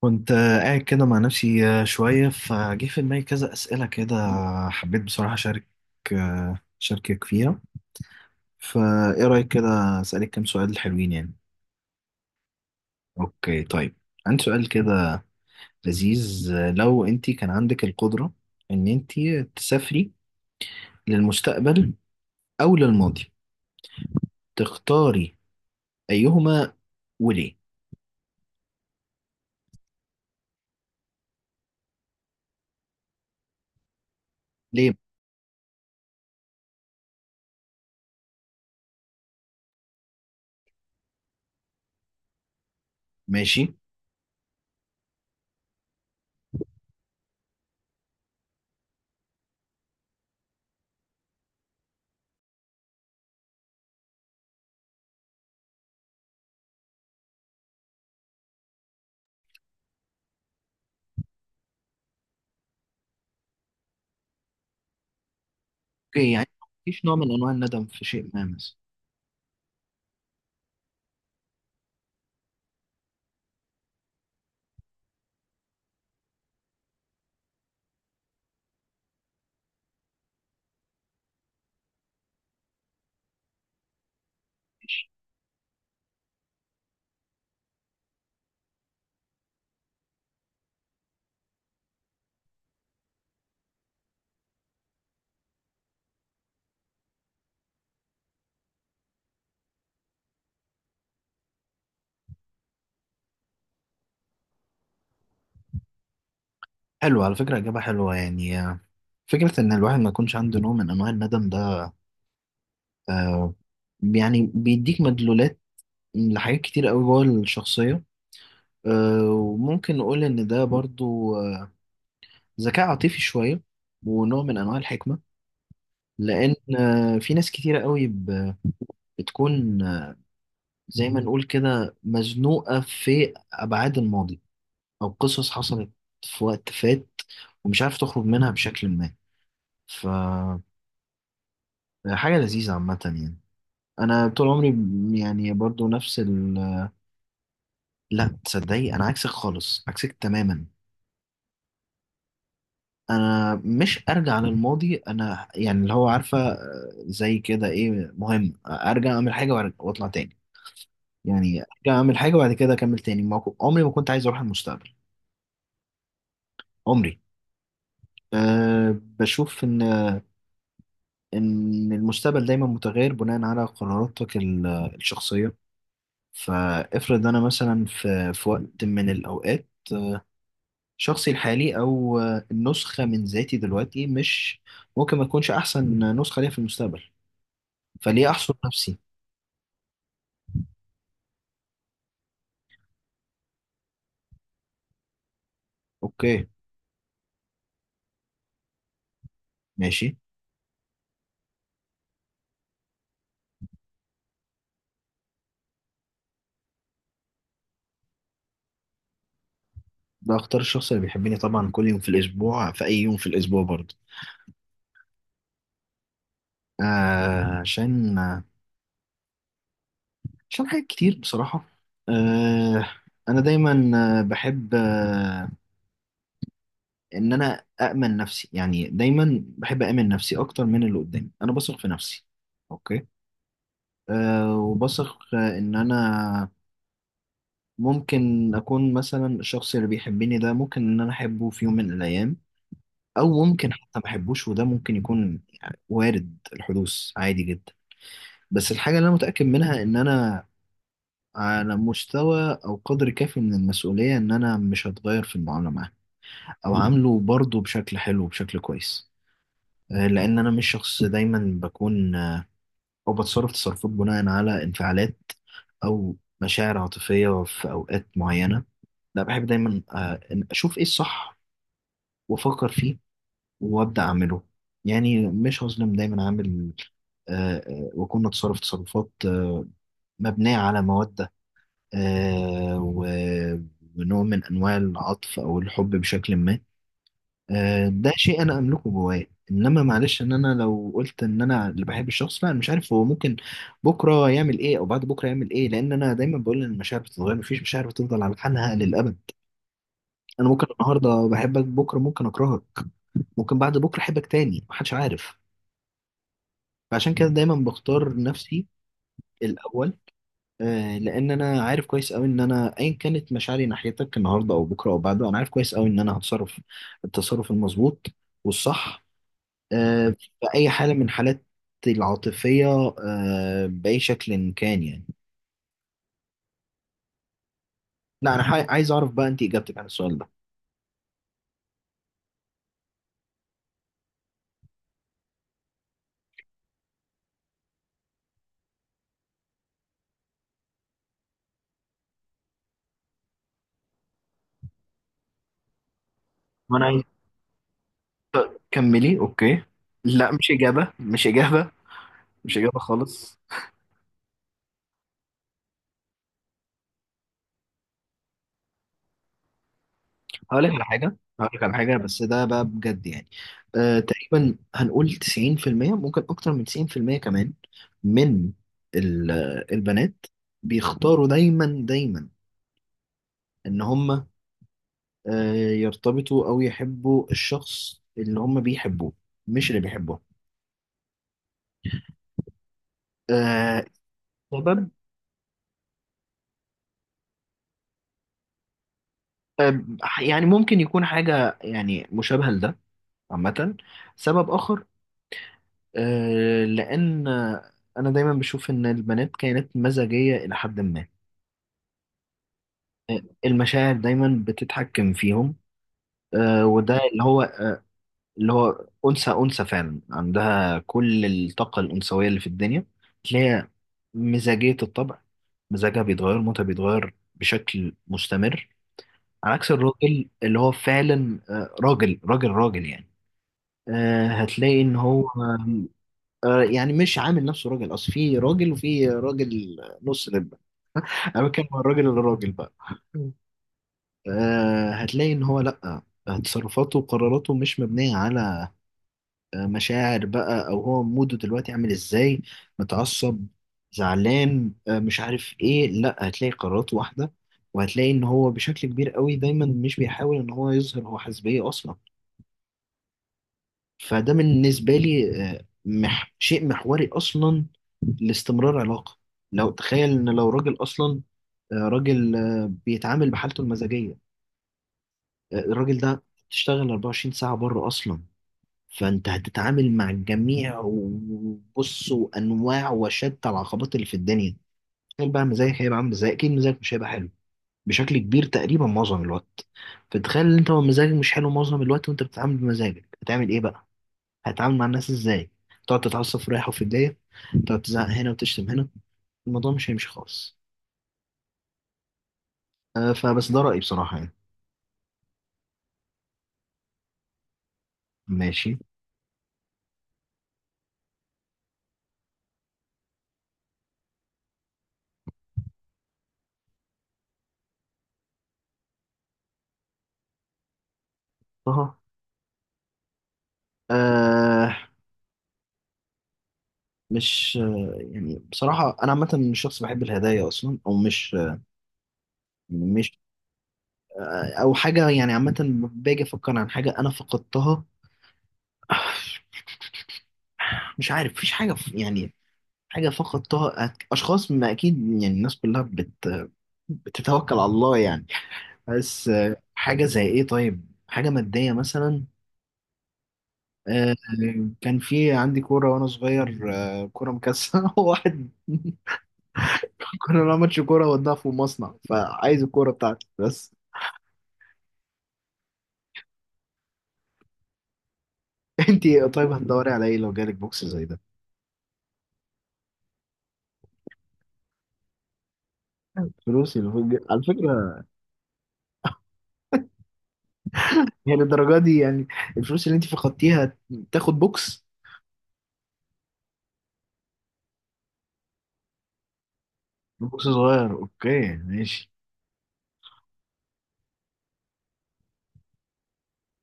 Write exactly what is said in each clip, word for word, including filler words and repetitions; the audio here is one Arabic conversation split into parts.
كنت آه، قاعد كده مع نفسي، آه، شوية فجه في دماغي كذا أسئلة كده. حبيت بصراحة أشارك، آه، أشاركك فيها. فإيه رأيك كده؟ أسألك كام سؤال حلوين يعني. أوكي طيب، عندي سؤال كده لذيذ. آه، لو أنت كان عندك القدرة إن أنت تسافري للمستقبل أو للماضي، تختاري أيهما وليه؟ ليه؟ ماشي. أوكي يعني مفيش نوع من أنواع الندم في شيء ما مثلا؟ حلو على فكرة، إجابة حلوة يعني. آه، فكرة إن الواحد ما يكونش عنده نوع من أنواع الندم ده، آه، يعني بيديك مدلولات لحاجات كتير قوي جوه الشخصية. آه، وممكن نقول إن ده برضو آه، ذكاء عاطفي شوية، ونوع من أنواع الحكمة. لأن آه، في ناس كتيرة قوي ب- بتكون آه، زي ما نقول كده مزنوقة في أبعاد الماضي، أو قصص حصلت في وقت فات، ومش عارف تخرج منها بشكل ما. فحاجة لذيذة عامة يعني. انا طول عمري م- يعني برضو نفس ال لا تصدقي، انا عكسك خالص، عكسك تماما. انا مش ارجع للماضي، انا يعني اللي هو عارفه، آه، زي كده ايه، مهم ارجع اعمل حاجه وأرجع- واطلع تاني. يعني ارجع اعمل حاجه وبعد كده اكمل تاني. ما كو- عمري ما كنت عايز اروح المستقبل. عمري. أه بشوف ان ان المستقبل دايما متغير بناء على قراراتك ال- الشخصيه. فافرض انا مثلا في في وقت من الاوقات، شخصي الحالي او النسخه من ذاتي دلوقتي مش ممكن ما تكونش احسن نسخه ليا في المستقبل. فليه احصر نفسي. اوكي. ماشي. ده اختار الشخص اللي بيحبني طبعا كل يوم في الاسبوع، في اي يوم في الاسبوع برضه. آه عشان عشان حاجات كتير بصراحه. آه انا دايما، آه، بحب آه ان انا اامن نفسي، يعني دايما بحب اامن نفسي اكتر من اللي قدامي، انا بثق في نفسي. اوكي. آه وبثق آه، ان انا ممكن أكون مثلا الشخص اللي بيحبني ده ممكن إن أنا أحبه في يوم من الأيام، أو ممكن حتى ما أحبوش، وده ممكن يكون وارد الحدوث عادي جدا. بس الحاجة اللي أنا متأكد منها إن أنا على مستوى أو قدر كافي من المسؤولية، إن أنا مش هتغير في المعاملة معاه، أو عامله برضه بشكل حلو وبشكل كويس. آه، لأن أنا مش شخص دايما بكون أو بتصرف تصرفات بناء على انفعالات، أو مشاعر عاطفية في أوقات معينة. لا، بحب دايما آه، إن أشوف إيه الصح وأفكر فيه وأبدأ أعمله. يعني مش هظلم دايما. عامل آه، آه، وأكون أتصرف تصرفات آه، مبنية على مودة آه، و- ونوع من أنواع العطف أو الحب بشكل ما. آه، ده شيء انا املكه جوايا. انما معلش، ان انا لو قلت ان انا اللي بحب الشخص، لا أنا مش عارف هو ممكن بكره يعمل ايه او بعد بكره يعمل ايه. لان انا دايما بقول ان المشاعر بتتغير، مفيش مشاعر بتفضل على حالها للابد. انا ممكن النهارده بحبك، بكره ممكن اكرهك، ممكن بعد بكره احبك تاني. محدش عارف. فعشان كده دايما بختار نفسي الاول. آه، لان انا عارف كويس قوي ان انا ايا كانت مشاعري ناحيتك النهارده او بكره او بعده، انا عارف كويس قوي ان انا هتصرف التصرف المظبوط والصح، آه، في أي حالة من حالات العاطفية، آه، بأي شكل إن كان يعني. لا، أنا حا- عايز أعرف بقى أنت إجابتك عن السؤال ده. وأنا عايز كملي. أوكي. لا، مش إجابة، مش إجابة، مش إجابة خالص. هقول لك على حاجة، هقول لك على حاجة، بس ده بقى بجد يعني. آه، تقريبا هنقول تسعين في المية ممكن أكتر من تسعين في المية كمان، من ال- البنات بيختاروا دايما دايما إن هم آه، يرتبطوا أو يحبوا الشخص اللي هم بيحبوه، مش اللي بيحبوه. آه، سبب آه، يعني ممكن يكون حاجة يعني مشابهة لده عامة. سبب آخر، آه، لأن آه، أنا دايما بشوف إن البنات كائنات مزاجية إلى حد ما. آه، المشاعر دايما بتتحكم فيهم. آه، وده اللي هو اللي هو أنثى أنثى فعلا، عندها كل الطاقة الأنثوية اللي في الدنيا. تلاقي مزاجية الطبع، مزاجها بيتغير، موتها بيتغير بشكل مستمر. على عكس الراجل اللي هو فعلا آه، راجل راجل راجل يعني. آه، هتلاقي إن هو آه، يعني مش عامل نفسه راجل، أصل في راجل وفي راجل. نص لب. أنا بتكلم عن الراجل الراجل بقى. آه، هتلاقي إن هو لأ، تصرفاته وقراراته مش مبنية على مشاعر بقى، او هو موده دلوقتي عامل ازاي، متعصب، زعلان، آه، مش عارف ايه، لا هتلاقي قرارات واحده. وهتلاقي ان هو بشكل كبير قوي دايما مش بيحاول ان هو يظهر هو حزبيه اصلا. فده بالنسبه لي آه، مح شيء محوري اصلا لاستمرار علاقه. لو تخيل ان لو راجل اصلا آه، راجل آه، بيتعامل بحالته المزاجيه، آه، الراجل ده تشتغل أربعة وعشرين ساعه بره اصلا، فانت هتتعامل مع الجميع وبص وانواع وشتى العقبات اللي في الدنيا. تخيل بقى مزاجك هيبقى عامل ازاي، اكيد مزاجك مش هيبقى حلو بشكل كبير تقريبا معظم الوقت. فتخيل ان انت مزاجك مش حلو معظم الوقت وانت بتتعامل بمزاجك، هتعمل ايه بقى؟ هتتعامل مع الناس ازاي؟ تقعد تتعصب في رايح وفي جايه، تقعد تزعق هنا وتشتم هنا. الموضوع مش هيمشي خالص. آه فبس ده رأيي بصراحة يعني. ماشي. طه. آه مش آه يعني بصراحة أنا عامة مش شخص بحب الهدايا أصلا، أو مش مش او حاجه يعني عامه. باجي افكر عن حاجه انا فقدتها، مش عارف مفيش حاجه ف- يعني. حاجه فقدتها، أك- اشخاص ما اكيد يعني الناس كلها بت بتتوكل على الله يعني. بس آه، حاجه زي ايه طيب، حاجه ماديه مثلا. آه، كان في عندي كوره وانا صغير، آه، كوره مكسره. واحد كنا بنلعب ماتش كوره وداها في المصنع، فعايز الكوره بتاعتي بس. انتي طيب هتدوري على ايه لو جالك بوكس زي ده؟ فلوسي. على فكره، هي للدرجة دي يعني الفلوس اللي انت فقدتيها تاخد بوكس؟ بوكس صغير. اوكي ماشي.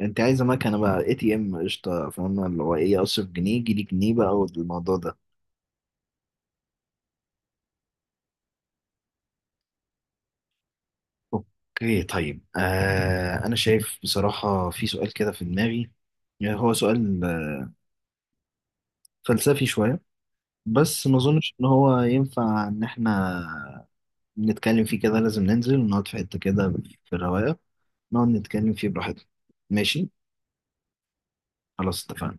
انت عايزة مكنة بقى اي تي ام، قشطة، فاهمة اللي هو ايه، اصرف جنيه يجي لي جنيه بقى والموضوع ده. اوكي طيب. آه انا شايف بصراحة في سؤال كده في دماغي يعني، هو سؤال آه، فلسفي شوية، بس ما اظنش ان هو ينفع ان احنا نتكلم فيه كده، لازم ننزل ونقعد في حتة كده في الرواية نقعد نتكلم فيه براحتنا. ماشي؟ خلاص، اتفقنا.